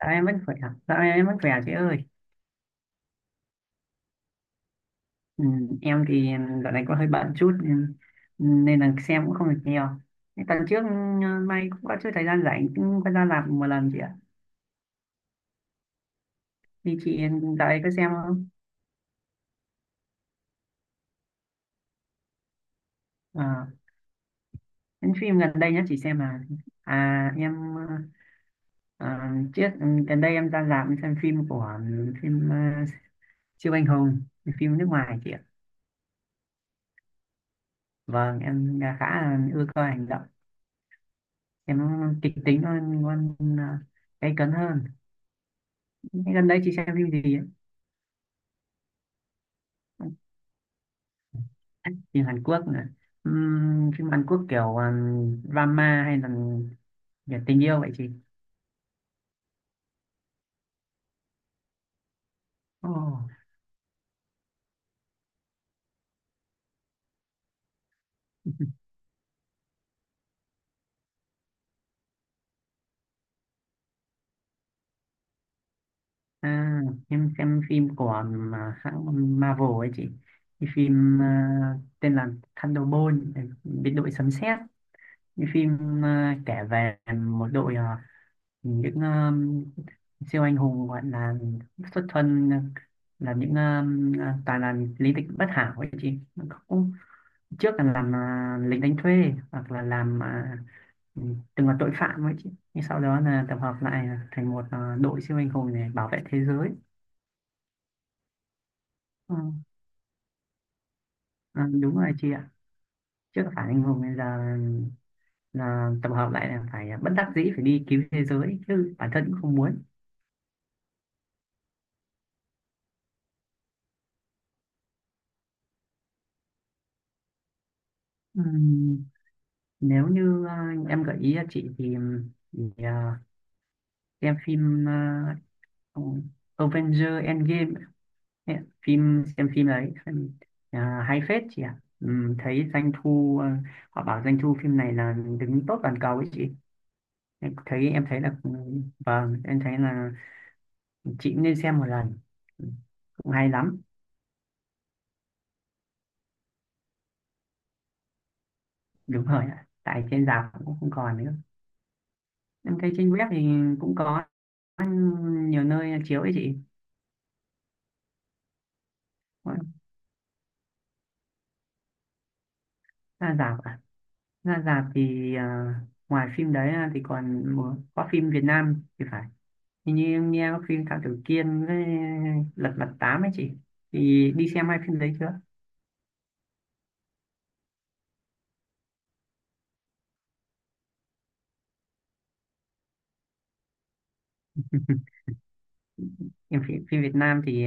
Dạ, em vẫn khỏe, dạ, em vẫn khỏe à chị ơi. Ừ, em thì dạo này có hơi bận chút nên nên là xem cũng không được nhiều. Thế tuần trước, may cũng có chút thời gian rảnh cũng có ra làm một lần chị ạ. Thì chị dạo này có xem không? Ờ, những phim gần đây nhất chị xem là à em ờ, gần đây em ra rạp xem phim của, siêu anh hùng, phim nước ngoài chị ạ. Vâng, em khá là ưa coi hành động, em kịch tính hơn, gay cấn hơn. Thế gần đây chị xem phim gì ấy? Phim Hàn Quốc à? Phim Hàn Quốc kiểu, drama hay là về tình yêu vậy chị? Ồ. à, em xem phim của, hãng Marvel ấy chị. Cái phim, tên là Thunderbolt, biệt đội sấm sét. Cái phim, kể về một đội, à, những siêu anh hùng, gọi là xuất thân, là những, toàn là lý lịch bất hảo ấy chị, cũng trước là làm, lính đánh thuê hoặc là làm, ừ, từng là tội phạm ấy chứ, nhưng sau đó là tập hợp lại thành một, đội siêu anh hùng để bảo vệ thế giới. Ừ. Đúng rồi chị ạ, trước là phản anh hùng, bây giờ là tập hợp lại, là phải bất đắc dĩ phải đi cứu thế giới chứ bản thân cũng không muốn. Ừm, Nếu như, em gợi ý cho chị thì, thì à, xem phim, Avenger Endgame. Thế ạ, phim xem phim đấy xem, hay phết chị ạ. Thấy doanh thu, họ bảo doanh thu phim này là đứng top toàn cầu ấy chị, em thấy là, vâng em thấy là chị cũng nên xem một lần. Ừm, Cũng hay lắm. Đúng rồi ạ, tại trên rạp cũng không còn nữa. Em thấy trên web thì cũng có nhiều nơi chiếu ấy chị. Ra rạp à? Ra rạp thì, ngoài phim đấy ra thì còn có phim Việt Nam thì phải. Thì như em nghe phim Thám Tử Kiên với Lật Mặt Tám ấy chị, thì đi xem hai phim đấy chưa? Em phim, phim Việt Nam thì,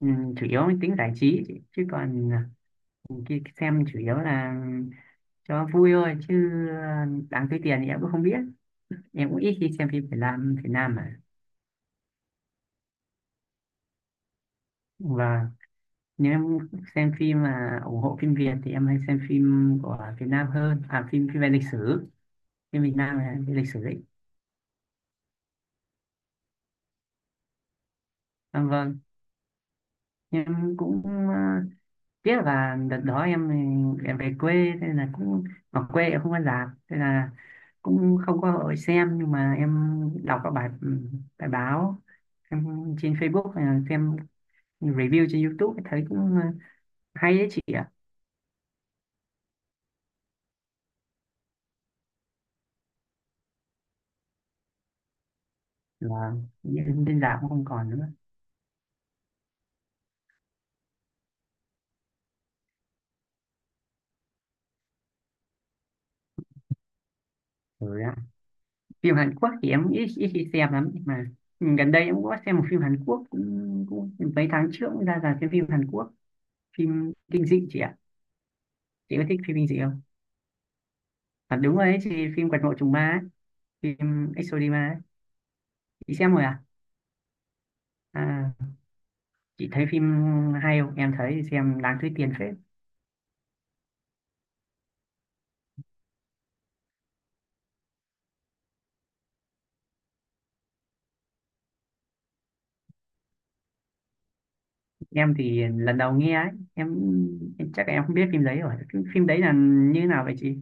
chủ yếu mang tính giải trí ấy chị, chứ còn khi xem chủ yếu là cho vui thôi, chứ đáng tiêu tiền thì em cũng không biết. Em cũng ít khi xem phim Việt Nam. Việt Nam mà. Và nếu em xem phim mà ủng hộ phim Việt thì em hay xem phim của Việt Nam hơn, à phim phim về lịch sử, phim Việt Nam là về lịch sử đấy. Vâng em cũng, ờ, tiếc là đợt đó em về quê thế là cũng ở quê em không có rạp, thế là cũng không có hội xem. Nhưng mà em đọc các bài, bài báo em trên Facebook hay là xem review trên YouTube thấy cũng, hay đấy chị ạ. Là trên rạp cũng không còn nữa rồi ạ. Phim Hàn Quốc thì em ít ít khi xem lắm, nhưng mà gần đây em cũng có xem một phim Hàn Quốc cũng mấy tháng trước, cũng ra rạp xem phim Hàn Quốc, phim kinh dị chị ạ. Chị có thích phim kinh dị không? À, đúng rồi ấy chị, phim Quật Mộ Trùng Ma ấy, phim Exodima ấy. Chị xem rồi à? À, chị thấy phim hay không? Em thấy xem đáng túi tiền phết. Em thì lần đầu nghe ấy, em chắc em không biết phim đấy rồi. Phim, phim đấy là như thế nào vậy chị?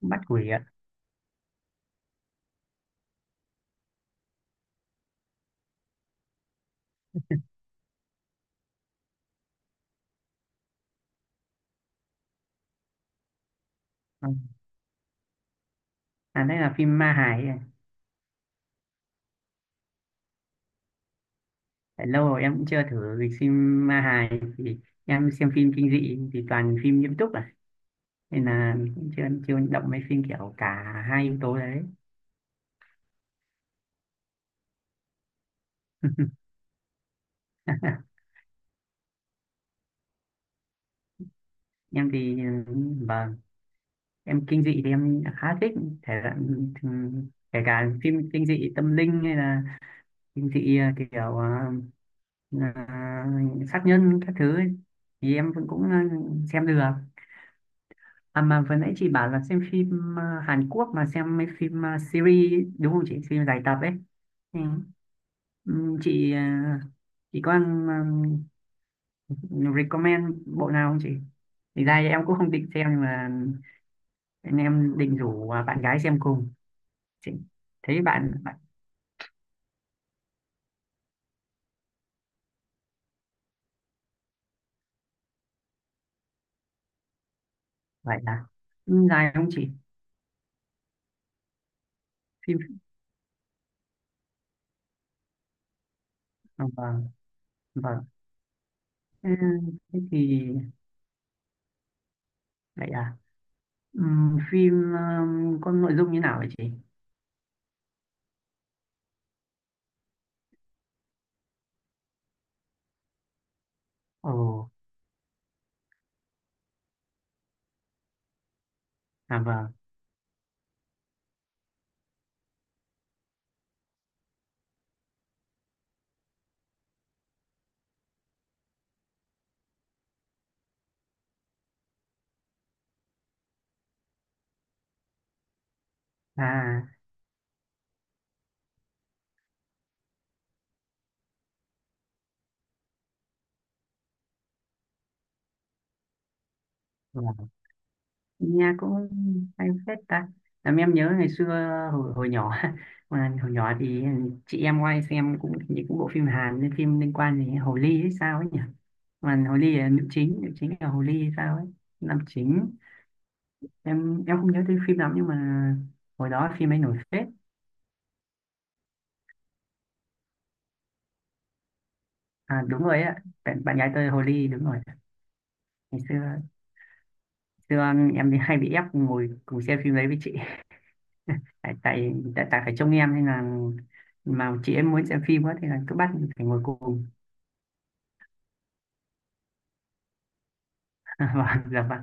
Bắt quỷ ạ. À, à đây là phim ma hài ấy. Tại lâu rồi em cũng chưa thử dịch phim ma hài thì em xem phim kinh dị thì toàn phim nghiêm túc à. Nên là cũng chưa chưa động mấy phim kiểu cả hai yếu tố đấy. Em thì, vâng em kinh dị thì em khá thích thể loại, kể cả phim kinh dị tâm linh hay là kinh dị, à, sát nhân các thứ ấy, thì em vẫn cũng, xem được à. Mà vừa nãy chị bảo là xem phim, Hàn Quốc mà xem mấy phim, series ấy, đúng không chị, phim dài tập ấy. Ừ. Chị, chị có, recommend bộ nào không chị, thì ra em cũng không định xem nhưng mà anh em định rủ, bạn gái xem cùng chị thấy bạn. Vậy à? Ừ, dài không chị phim? À vâng, vâng. Ừ, thế thì vậy à. Ừ, phim, có nội dung như nào vậy chị? Ồ. À vâng. À vâng. Nghe cũng hay phết ta, làm em nhớ ngày xưa hồi nhỏ. Mà hồi nhỏ thì chị em ngoài xem cũng những cũng bộ phim Hàn nên phim liên quan đến Hồ Ly hay sao ấy nhỉ. Mà Hồ Ly là nữ chính, nữ chính là Hồ Ly hay sao ấy, nam chính. Em không nhớ tên phim lắm, nhưng mà hồi đó phim ấy nổi phết. À, đúng rồi ạ, bạn gái tôi hồ ly đúng rồi. Ngày xưa, xưa em thì hay bị ép ngồi cùng xem phim đấy với chị, tại tại phải trông em nên là mà chị em muốn xem phim quá thì là cứ bắt phải ngồi cùng. Và dạ vâng.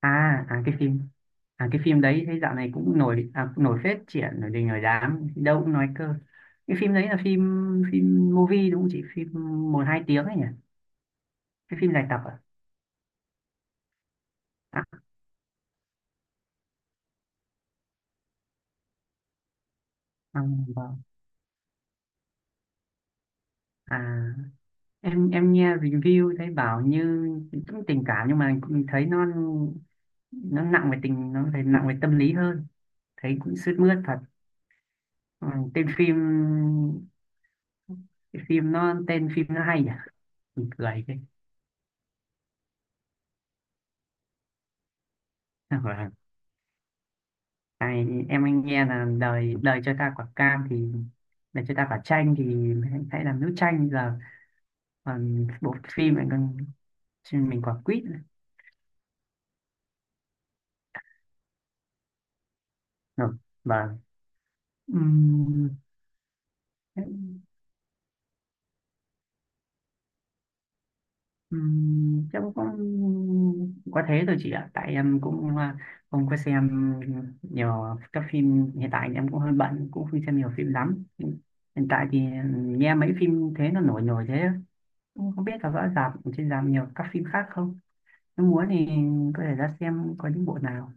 à à cái phim À cái phim đấy thấy dạo này cũng nổi, cũng nổi phết chị ạ, nổi đình nổi đám đâu cũng nói cơ. Cái phim đấy là phim phim movie đúng không chị, phim 1-2 tiếng ấy nhỉ? Cái phim dài tập, à, à vâng. À, em nghe review thấy bảo như cũng tình cảm nhưng mà cũng thấy nó, nặng về tình, nó thấy nặng về tâm lý hơn, thấy cũng sướt mướt thật. Ừ, tên phim, cái phim nó tên phim nó hay nhỉ, mình cười cái. Vâng. Ai, em anh nghe là đời đời cho ta quả cam thì đời cho ta quả chanh thì hãy hãy làm nước chanh giờ còn bộ phim này còn mình quả quýt nữa. Rồi, vâng. Ừm, Chắc cũng có thế thôi chị ạ, tại em cũng, không có xem nhiều các phim. Hiện tại em cũng hơi bận cũng không xem nhiều phim lắm. Hiện tại thì nghe mấy phim thế nó nổi nổi thế, cũng không biết là rõ rạp trên rạp nhiều các phim khác không. Nếu muốn thì có thể ra xem có những bộ nào.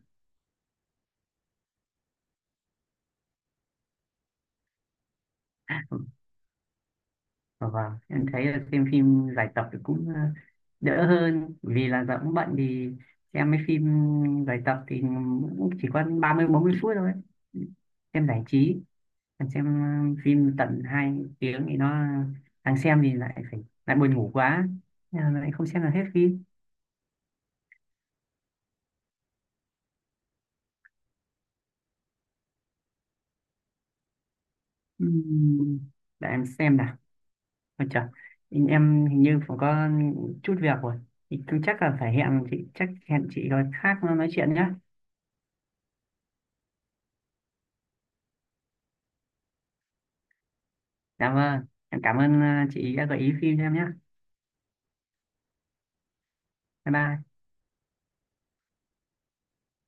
Ờ, Vâng, em thấy là xem phim giải tập thì cũng, đỡ hơn vì là giờ cũng bận thì xem mấy phim giải tập thì cũng chỉ có 30-40 phút thôi. Xem giải trí, còn xem, phim tận 2 tiếng thì nó đang xem thì lại phải lại buồn ngủ quá. Nên là lại không xem được hết phim. Ừm, Để em xem nào. Ôi trời, em hình như cũng có chút việc rồi. Thì cứ chắc là phải hẹn chị, chắc hẹn chị rồi khác nói chuyện nhé. Dạ vâng, em cảm ơn, chị đã gợi ý phim cho em nhé. Bye bye.